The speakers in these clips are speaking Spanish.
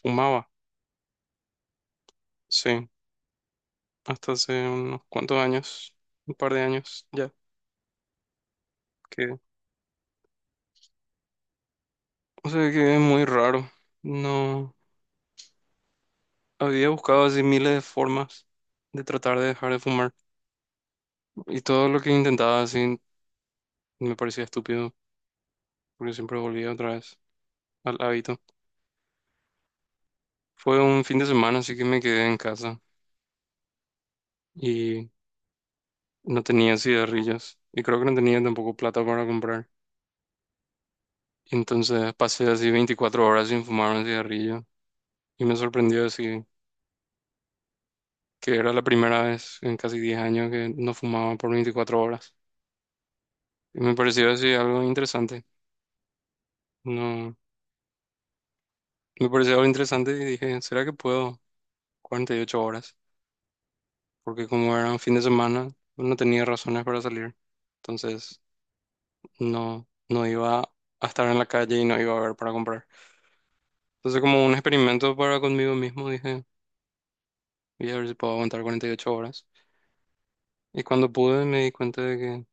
Fumaba, sí, hasta hace unos cuantos años, un par de años ya, que, o sea, que es muy raro. No, había buscado así miles de formas de tratar de dejar de fumar y todo lo que intentaba así me parecía estúpido, porque siempre volvía otra vez al hábito. Fue un fin de semana, así que me quedé en casa y no tenía cigarrillos y creo que no tenía tampoco plata para comprar. Entonces pasé así 24 horas sin fumar un cigarrillo y me sorprendió así, que era la primera vez en casi 10 años que no fumaba por 24 horas. Y me pareció así algo interesante. No, me pareció algo interesante y dije, ¿será que puedo 48 horas? Porque como era un fin de semana, no tenía razones para salir. Entonces, no, no iba a estar en la calle y no iba a haber para comprar. Entonces, como un experimento para conmigo mismo, dije, voy a ver si puedo aguantar 48 horas. Y cuando pude, me di cuenta de que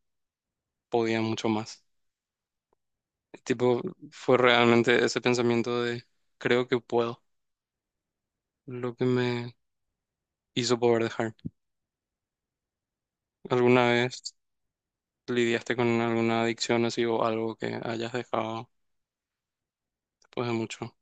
podía mucho más. Tipo, fue realmente ese pensamiento de creo que puedo lo que me hizo poder dejar. ¿Alguna vez lidiaste con alguna adicción así o algo que hayas dejado después de mucho?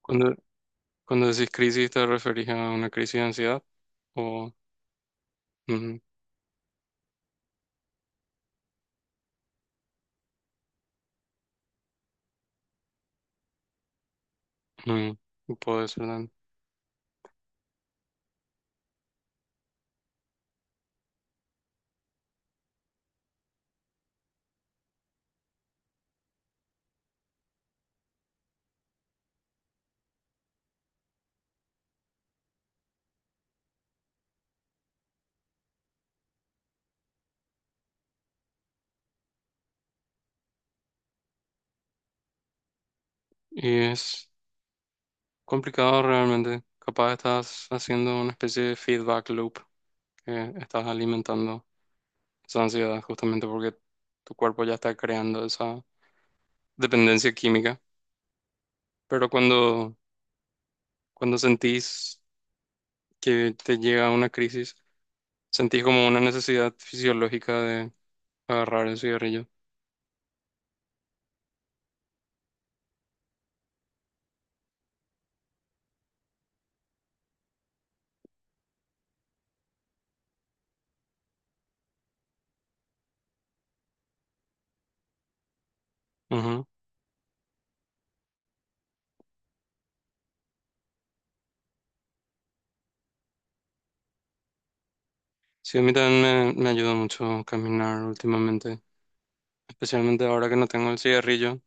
Cuando, cuando decís crisis, ¿te referís a una crisis de ansiedad? O Mm, mm, puede ser también. Y es complicado realmente. Capaz estás haciendo una especie de feedback loop que estás alimentando esa ansiedad justamente porque tu cuerpo ya está creando esa dependencia química, pero cuando sentís que te llega una crisis, sentís como una necesidad fisiológica de agarrar el cigarrillo. Ujú. Sí, a mí también me ayuda mucho caminar últimamente, especialmente ahora que no tengo el cigarrillo. O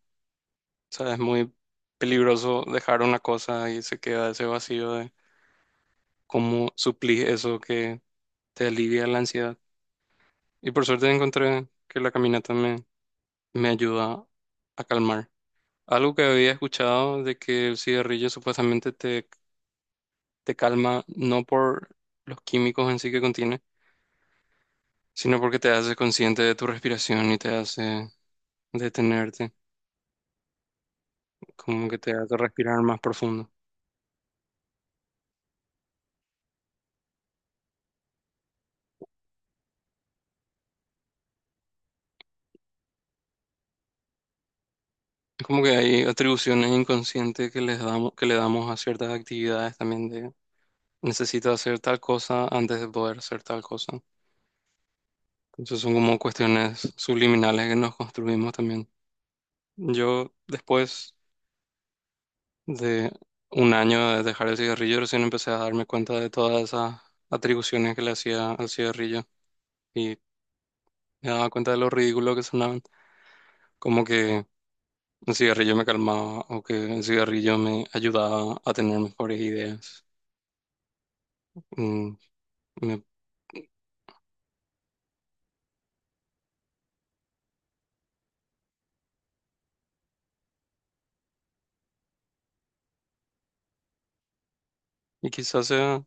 sea, es muy peligroso dejar una cosa y se queda ese vacío de cómo suplís eso que te alivia la ansiedad. Y por suerte encontré que la caminata me ayuda a calmar. Algo que había escuchado de que el cigarrillo supuestamente te calma no por los químicos en sí que contiene, sino porque te hace consciente de tu respiración y te hace detenerte, como que te hace respirar más profundo. Es como que hay atribuciones inconscientes que les damos, que le damos a ciertas actividades también de necesito hacer tal cosa antes de poder hacer tal cosa. Entonces son como cuestiones subliminales que nos construimos también. Yo después de un año de dejar el cigarrillo, recién empecé a darme cuenta de todas esas atribuciones que le hacía al cigarrillo y me daba cuenta de lo ridículo que sonaban, como que el cigarrillo me calmaba o que el cigarrillo me ayudaba a tener mejores ideas. Mm, me- y quizás sea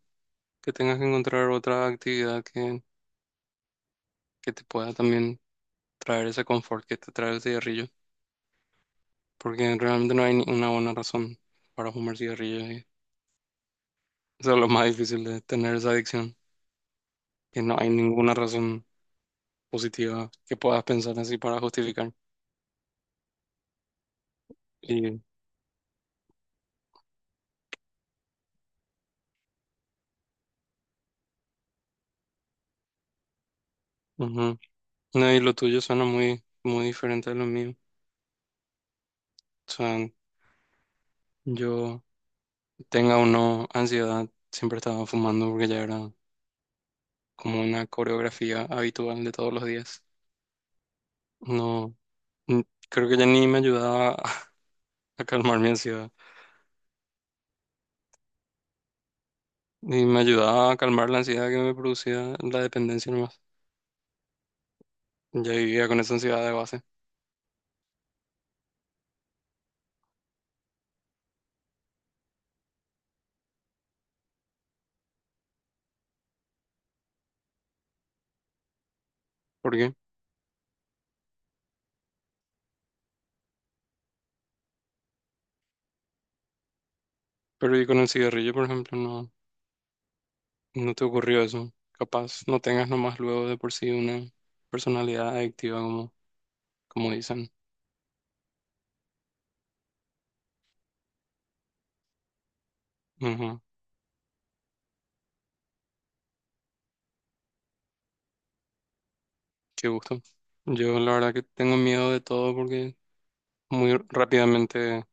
que tengas que encontrar otra actividad que te pueda también traer ese confort que te trae el cigarrillo, porque realmente no hay ni una buena razón para fumar cigarrillo y eso es lo más difícil de tener esa adicción, que no hay ninguna razón positiva que puedas pensar así para justificar. Y, ujú. No, y lo tuyo suena muy, muy diferente a lo mío. O sea, yo tenga o no ansiedad, siempre estaba fumando porque ya era como una coreografía habitual de todos los días. No, creo que ya ni me ayudaba a calmar mi ansiedad, ni me ayudaba a calmar la ansiedad que me producía la dependencia nomás. Ya vivía con esa ansiedad de base. ¿Por qué? Pero y con el cigarrillo, por ejemplo, no. No te ocurrió eso. Capaz no tengas nomás luego de por sí una personalidad adictiva como, como dicen. Ujú. Qué gusto. Yo la verdad que tengo miedo de todo porque muy rápidamente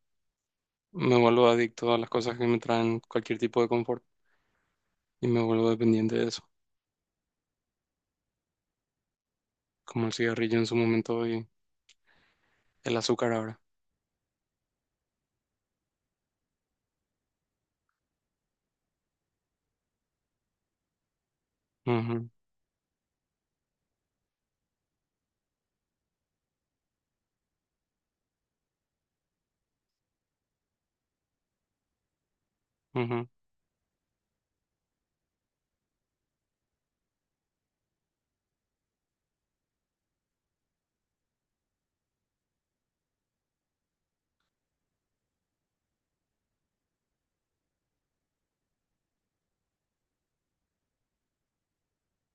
me vuelvo adicto a las cosas que me traen cualquier tipo de confort y me vuelvo dependiente de eso, como el cigarrillo en su momento y el azúcar ahora. Ujú, ujú.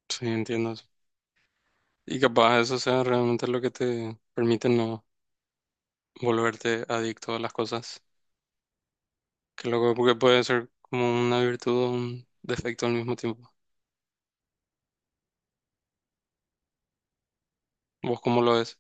Sí, entiendo eso. Y capaz eso sea realmente lo que te permite no volverte adicto a las cosas. Qué loco, porque puede ser como una virtud o un defecto al mismo tiempo. ¿Vos cómo lo ves?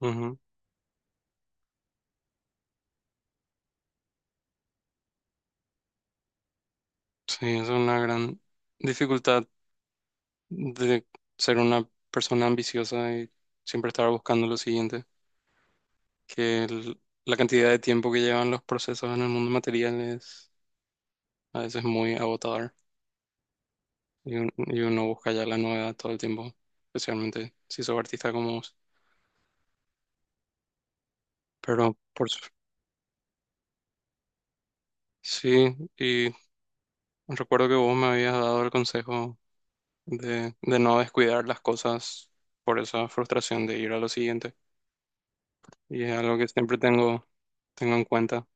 Ujú. Sí, es una gran dificultad de ser una persona ambiciosa y siempre estar buscando lo siguiente, que la cantidad de tiempo que llevan los procesos en el mundo material es a veces muy agotador y uno busca ya la novedad todo el tiempo, especialmente si sos artista como vos. Pero por su- sí, y recuerdo que vos me habías dado el consejo de no descuidar las cosas por esa frustración de ir a lo siguiente. Y es algo que siempre tengo, tengo en cuenta,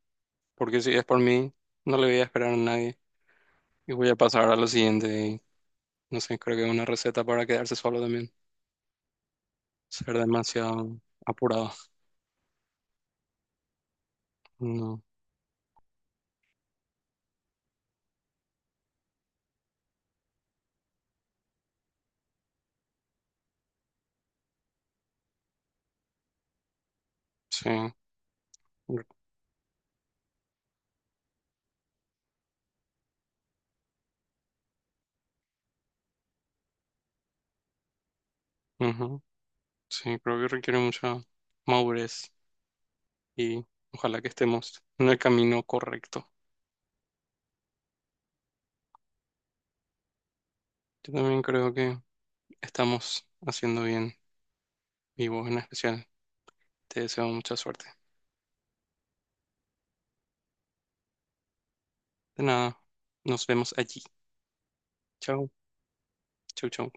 porque si es por mí, no le voy a esperar a nadie y voy a pasar a lo siguiente. Y no sé, creo que es una receta para quedarse solo también, ser demasiado apurado. No, sí, ujú, sí, creo que requiere mucha madurez y ojalá que estemos en el camino correcto. Yo también creo que estamos haciendo bien y vos en especial. Te deseo mucha suerte. De nada, nos vemos allí. Chao, chau, chau.